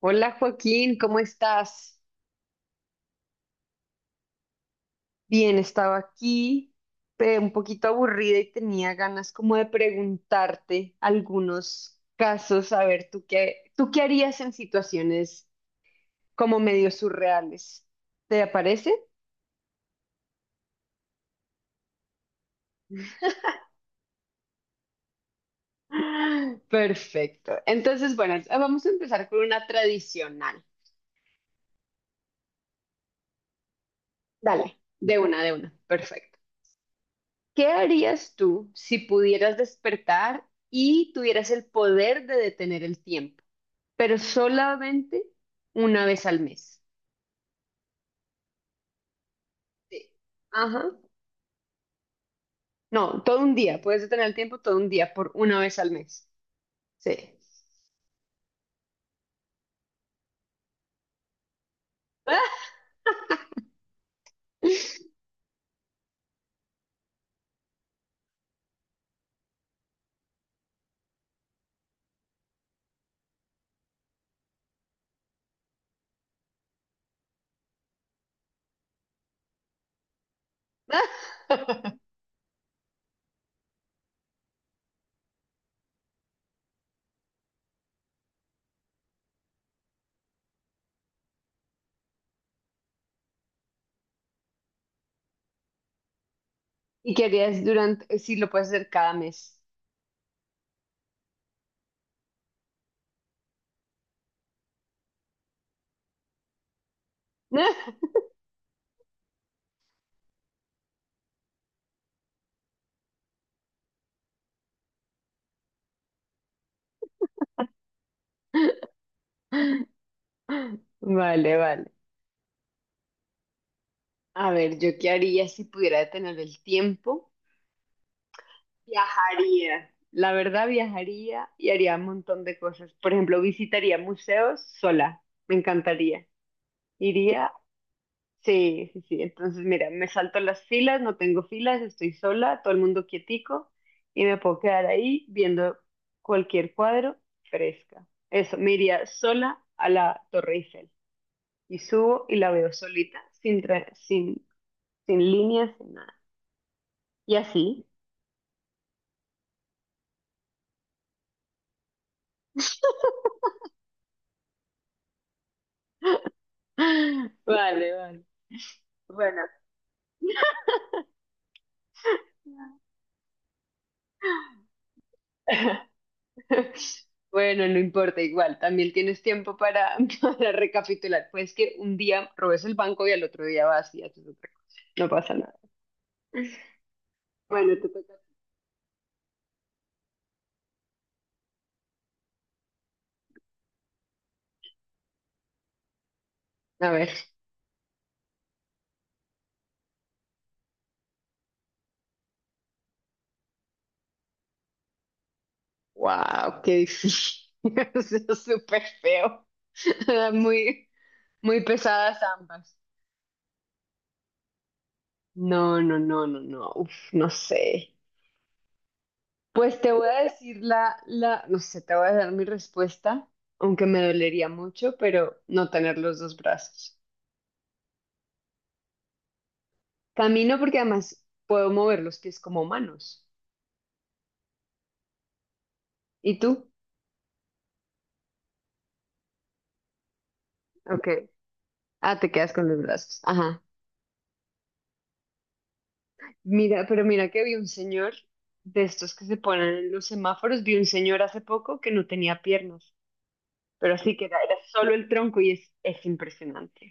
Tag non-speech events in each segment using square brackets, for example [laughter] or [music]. Hola Joaquín, ¿cómo estás? Bien, estaba aquí un poquito aburrida y tenía ganas como de preguntarte algunos casos. A ver, tú qué harías en situaciones como medio surreales. ¿Te parece? [gasps] ¡Ah! Perfecto. Entonces, bueno, vamos a empezar con una tradicional. Dale, de una. Perfecto. ¿Qué harías tú si pudieras despertar y tuvieras el poder de detener el tiempo? Pero solamente una vez al mes. Sí. Ajá. No, todo un día. Puedes detener el tiempo todo un día por una vez al mes. Sí. [laughs] ¿Y que harías durante? Sí, lo puedes hacer cada mes. [laughs] Vale, vale. A ver, ¿yo qué haría si pudiera detener el tiempo? Viajaría. La verdad, viajaría y haría un montón de cosas. Por ejemplo, visitaría museos sola. Me encantaría. Iría. Sí, sí, sí. Entonces, mira, me salto las filas, no tengo filas, estoy sola, todo el mundo quietico y me puedo quedar ahí viendo cualquier cuadro fresca. Eso, me iría sola a la Torre Eiffel y subo y la veo solita, sin líneas, sin nada. Y así. [laughs] Vale, vale. Bueno, [laughs] bueno, no importa, igual, también tienes tiempo para, [laughs] para recapitular. Pues que un día robes el banco y al otro día vas y haces otra cosa. No pasa nada. Bueno, te toca. A ver, wow, qué difícil. [laughs] Eso es súper feo. [laughs] Muy, muy pesadas ambas. No, no, no, no, no. Uf, no sé. Pues te voy a decir no sé, te voy a dar mi respuesta, aunque me dolería mucho, pero no tener los dos brazos. Camino porque además puedo mover los pies como manos. ¿Y tú? Ok. Ah, te quedas con los brazos. Ajá. Mira, pero mira que vi un señor de estos que se ponen en los semáforos, vi un señor hace poco que no tenía piernas, pero así que era, era solo el tronco y es impresionante.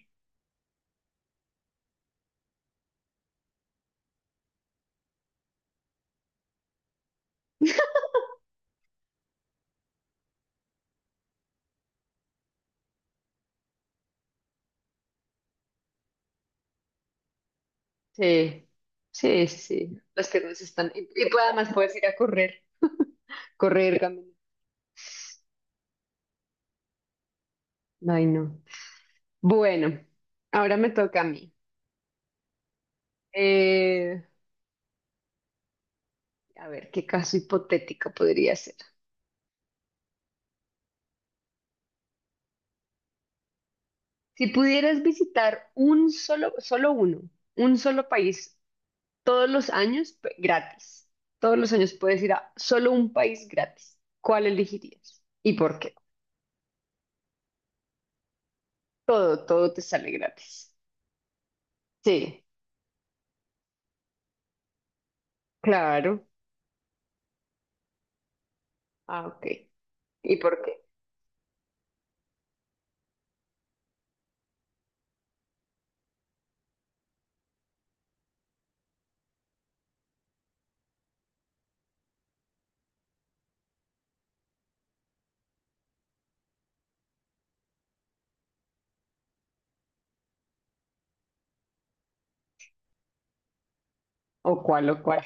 Sí, sí, sí, las piernas están... Y, y puede- además puedes ir a correr, correr, caminar. Ay, no. Bueno, ahora me toca a mí. Eh, a ver, ¿qué caso hipotético podría ser? Si pudieras visitar solo uno, un solo país todos los años p- gratis. Todos los años puedes ir a solo un país gratis. ¿Cuál elegirías? ¿Y por qué? Todo, todo te sale gratis. Sí, claro. Ah, ok. ¿Y por qué? ¿O cuál o cuál?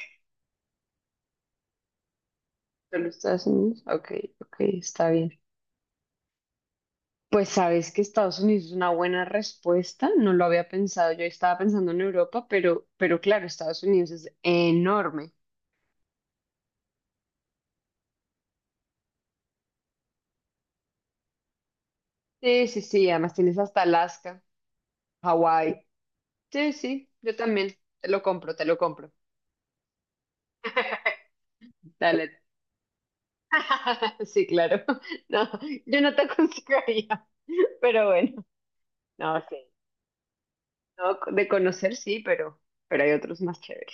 ¿Solo Estados Unidos? Ok, ok, está bien. Pues sabes que Estados Unidos es una buena respuesta, no lo había pensado, yo estaba pensando en Europa, pero claro, Estados Unidos es enorme. Sí, sí, sí, además tienes hasta Alaska, Hawái. Sí, sí, yo también, te lo compro, te lo compro. Dale. [laughs] Sí, claro. No, yo no te aconsejaría, pero bueno, no, sí. No, de conocer sí, pero hay otros más chéveres.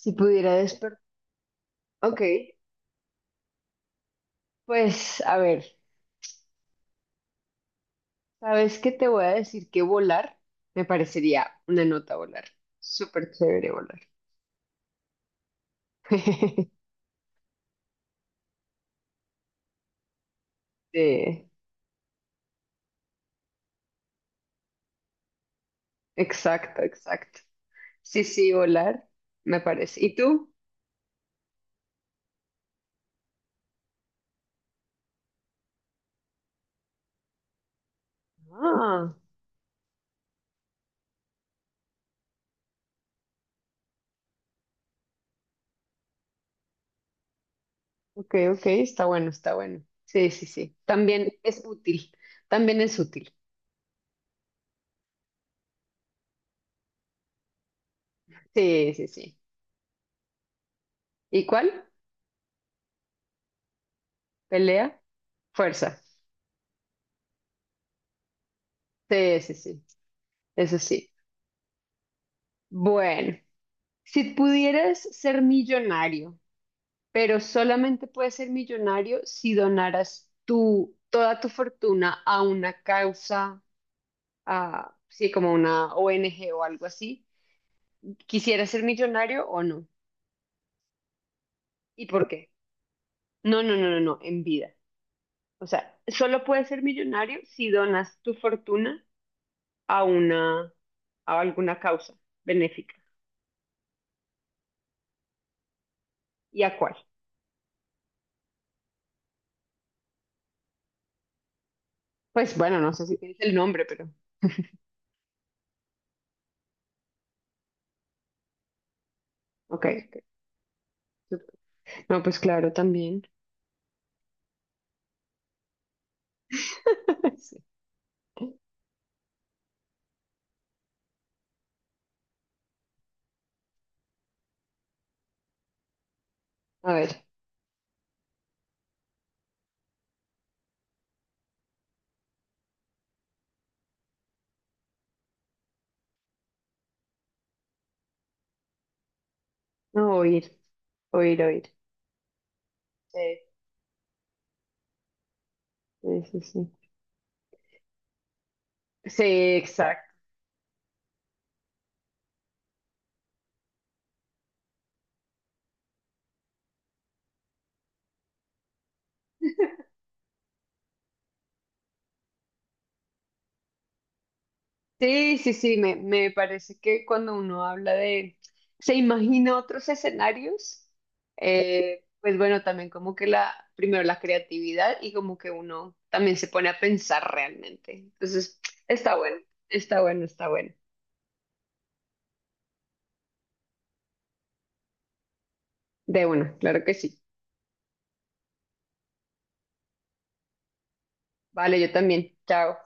Si pudiera despertar. Ok, pues a ver, ¿sabes qué te voy a decir? Que volar me parecería una nota volar. Súper chévere volar. [laughs] Sí, exacto, exacto. Sí, sí, volar me parece. ¿Y tú? Ah, ok, ok, está bueno, está bueno. Sí, sí, sí. También es útil, también es útil. Sí, sí, sí. ¿Y cuál? Pelea, fuerza. Sí, sí, sí. Eso sí. Bueno, si pudieras ser millonario, pero solamente puedes ser millonario si donaras toda tu fortuna a una causa, a, sí, como una ONG o algo así, ¿quisieras ser millonario o no? ¿Y por qué? No, no, no, no, no, en vida. O sea, solo puedes ser millonario si donas tu fortuna a una, a alguna causa benéfica. ¿Y a cuál? Pues bueno, no sé si tienes el nombre, pero ok, ok. No, pues claro, también. [laughs] Sí. A ver, no, oír, oír, oír. Sí, sí, sí. Sí, sí, exacto. Sí, sí, sí, me parece que cuando uno habla de, se imagina otros escenarios. Pues bueno, también como que la, primero la creatividad y como que uno también se pone a pensar realmente. Entonces, está bueno, está bueno, está bueno. De uno, claro que sí. Vale, yo también. Chao.